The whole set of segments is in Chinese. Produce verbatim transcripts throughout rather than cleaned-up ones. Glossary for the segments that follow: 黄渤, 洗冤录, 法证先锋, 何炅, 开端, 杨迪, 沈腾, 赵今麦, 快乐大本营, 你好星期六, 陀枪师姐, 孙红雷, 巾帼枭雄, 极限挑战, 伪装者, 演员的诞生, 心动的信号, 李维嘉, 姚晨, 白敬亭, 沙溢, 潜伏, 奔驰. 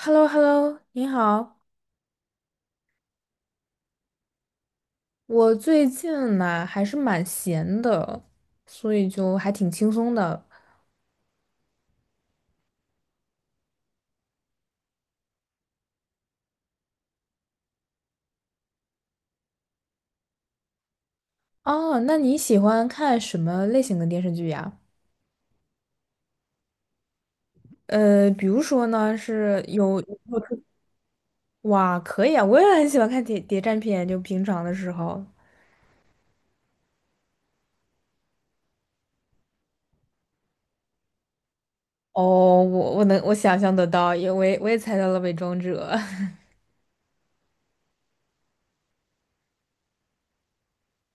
h e l l o h e l l o 你好。我最近嘛还是蛮闲的，所以就还挺轻松的。哦，那你喜欢看什么类型的电视剧呀？呃，比如说呢，是有有没有特 哇，可以啊，我也很喜欢看谍谍战片，就平常的时候。哦，我我能我想象得到，因为我也我也猜到了《伪装者》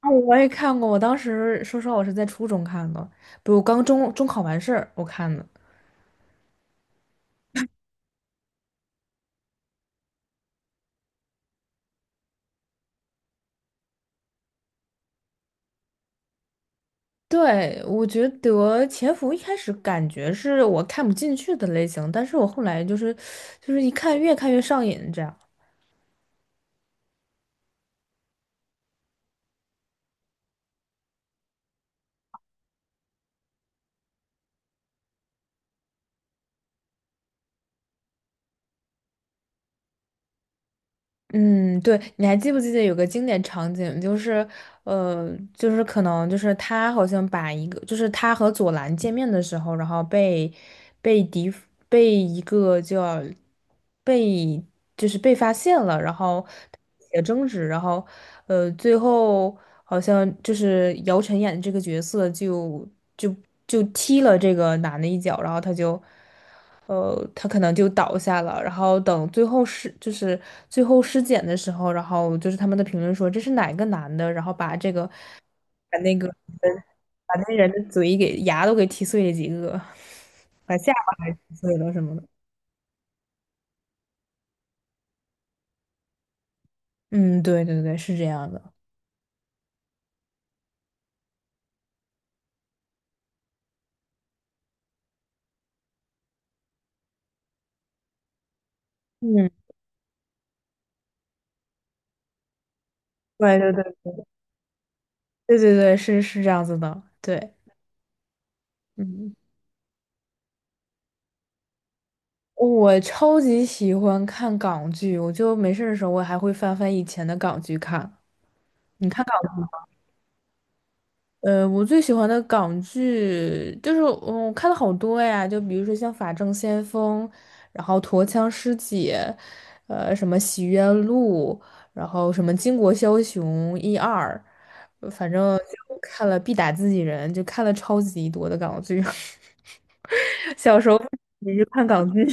啊，我也看过，我当时说实话，我是在初中看的，不，我刚中中考完事儿我看的。对，我觉得潜伏一开始感觉是我看不进去的类型，但是我后来就是，就是一看越看越上瘾这样。嗯，对，你还记不记得有个经典场景，就是，呃，就是可能就是他好像把一个，就是他和左蓝见面的时候，然后被被敌被一个叫被就是被发现了，然后也争执，然后呃，最后好像就是姚晨演的这个角色就就就踢了这个男的一脚，然后他就。呃，他可能就倒下了。然后等最后尸，就是最后尸检的时候，然后就是他们的评论说这是哪个男的，然后把这个把那个把那人的嘴给牙都给踢碎了几个，把下巴还踢碎了什么的。嗯，对对对，是这样的。嗯，对对对对对对，是是这样子的。对，嗯，我超级喜欢看港剧，我就没事儿的时候我还会翻翻以前的港剧看。你看港？剧？呃，我最喜欢的港剧就是，嗯，我看了好多呀，就比如说像《法证先锋》，然后《陀枪师姐》，呃，什么《洗冤录》，然后什么《巾帼枭雄》一二，呃反正就看了必打自己人，就看了超级多的港剧。小时候也是看港剧，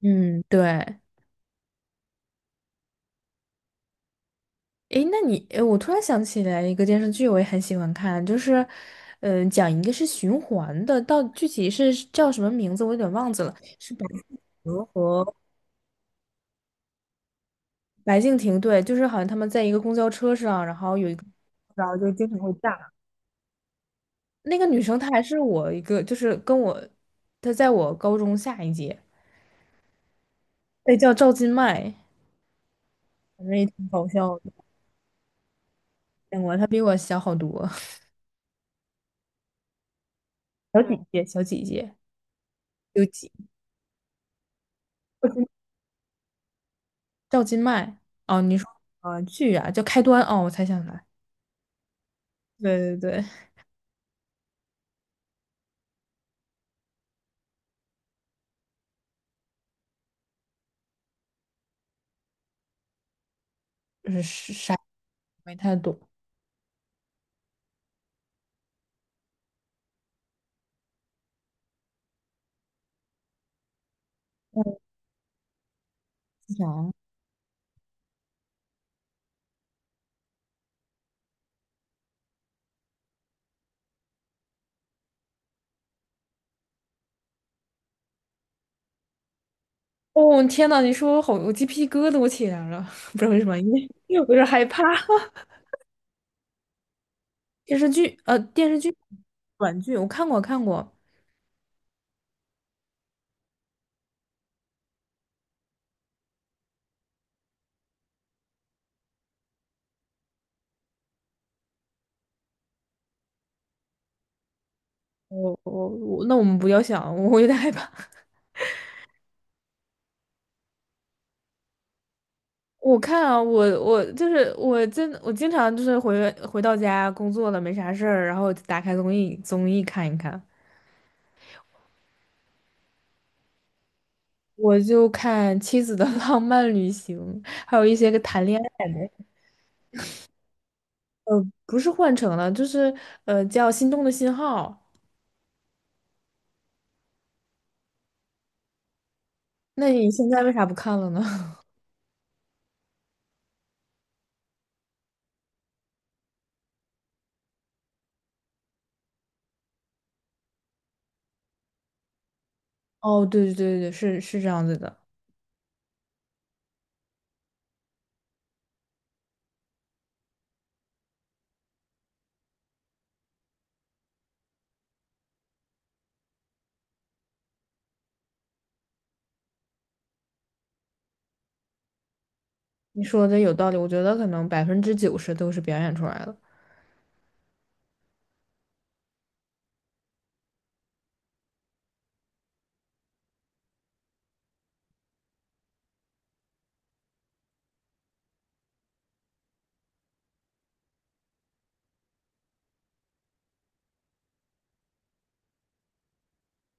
嗯，对。诶，那你，诶，我突然想起来一个电视剧，我也很喜欢看，就是，嗯、讲一个是循环的，到具体是叫什么名字，我有点忘记了，是百合和白敬亭，对，就是好像他们在一个公交车上，然后有一个，然后就经常会炸。那个女生她还是我一个，就是跟我，她在我高中下一届，那叫赵今麦，反正也挺搞笑的，见过，她比我小好多，小姐姐，小姐姐，几届。有几赵今麦哦，你说呃剧啊叫开端哦，我才想起来，对对对，就是啥也没太懂。想哦天呐，你说我好，我鸡皮疙瘩我起来了，不知道为什么，因为因为我有点害怕。电视剧呃电视剧短剧我看过看过，我我我那我们不要想，我有点害怕。我看啊，我我就是我真我经常就是回回到家工作了没啥事儿，然后打开综艺综艺看一看。我就看《妻子的 浪漫旅行》，还有一些个谈恋爱的不是换成了，就是呃叫《心动的信号》。那你现在为啥不看了呢？哦，对对对对，是是这样子的，你说的有道理。我觉得可能百分之九十都是表演出来的。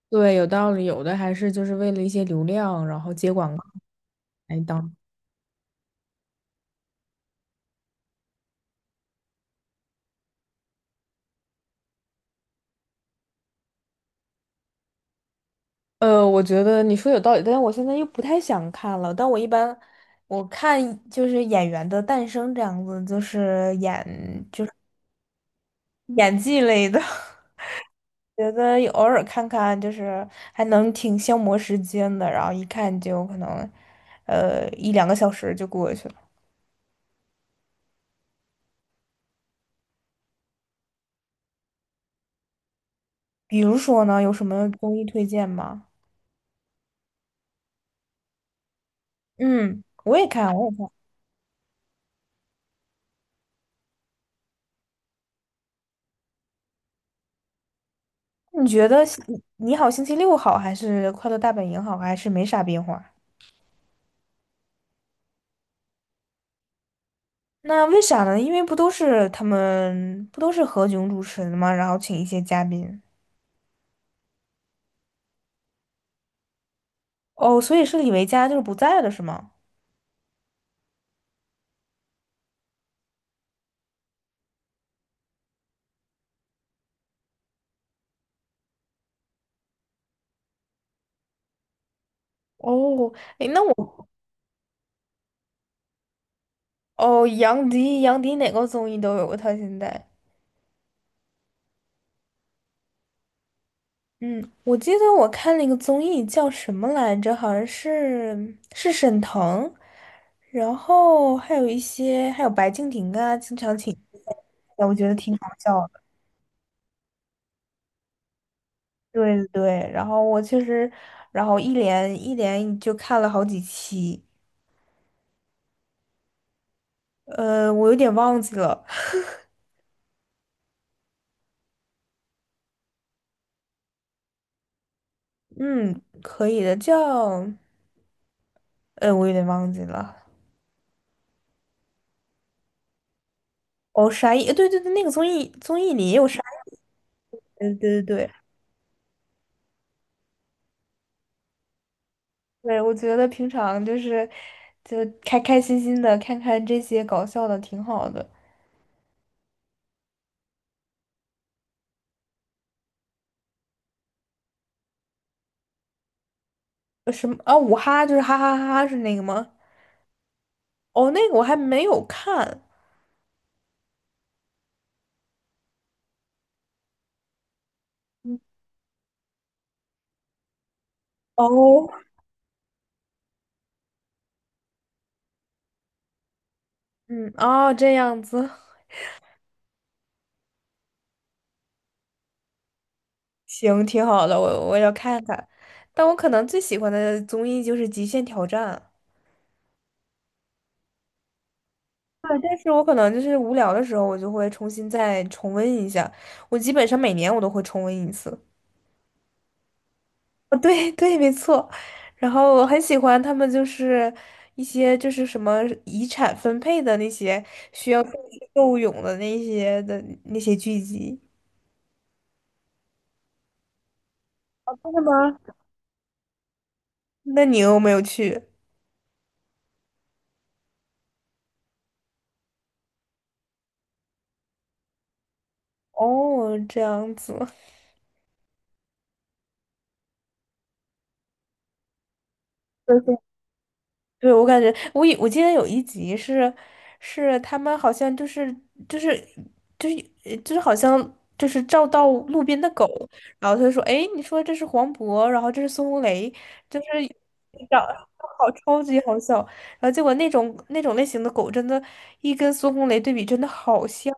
对，有道理，有的还是就是为了一些流量，然后接广告来当。呃，我觉得你说有道理，但是我现在又不太想看了。但我一般我看就是演员的诞生这样子，就是演演技类的，觉得有偶尔看看就是还能挺消磨时间的，然后一看就可能，呃，一两个小时就过去了。比如说呢，有什么综艺推荐吗？嗯，我也看，我也看。你觉得星《你好星期六》好，还是《快乐大本营》好，还是没啥变化？那为啥呢？因为不都是他们不都是何炅主持的吗？然后请一些嘉宾。哦，所以是李维嘉就是不在了，是吗？哦，诶，那我。哦，杨迪，杨迪哪个综艺都有过他现在。嗯，我记得我看了一个综艺叫什么来着，好像是是沈腾，然后还有一些还有白敬亭啊，经常请，哎我觉得挺好笑的。对对对，然后我确实，然后一连一连就看了好几期，呃，我有点忘记了，嗯，可以的，叫，呃，我有点忘记了。哦，沙溢，呃对对对，那个综艺综艺里也有沙溢，对对对。对，我觉得平常就是就开开心心的看看这些搞笑的，挺好的。呃什么啊？五哈就是哈哈哈哈是那个吗？哦，那个我还没有看。嗯哦，嗯，哦，这样子，行，挺好的，我我要看看。但我可能最喜欢的综艺就是《极限挑战》。啊，但是我可能就是无聊的时候，我就会重新再重温一下。我基本上每年我都会重温一次。哦，对对，没错。然后我很喜欢他们，就是一些就是什么遗产分配的那些需要斗智斗勇的那些的那些剧集。哦，真的吗？那你有没有去？哦，这样子。对，我感觉我有我记得有一集是是他们好像就是就是就是呃就是好像就是照到路边的狗，然后他就说："哎，你说这是黄渤，然后这是孙红雷，就是长好超级好笑。"然后结果那种那种类型的狗真的，一跟孙红雷对比真的好像。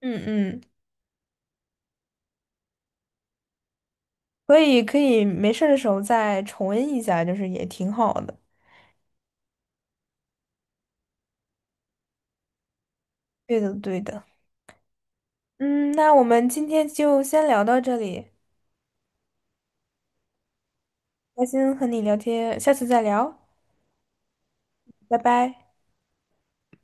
嗯嗯，可以可以，没事儿的时候再重温一下，就是也挺好的。对的对的。嗯，那我们今天就先聊到这里。开心和你聊天，下次再聊，拜拜。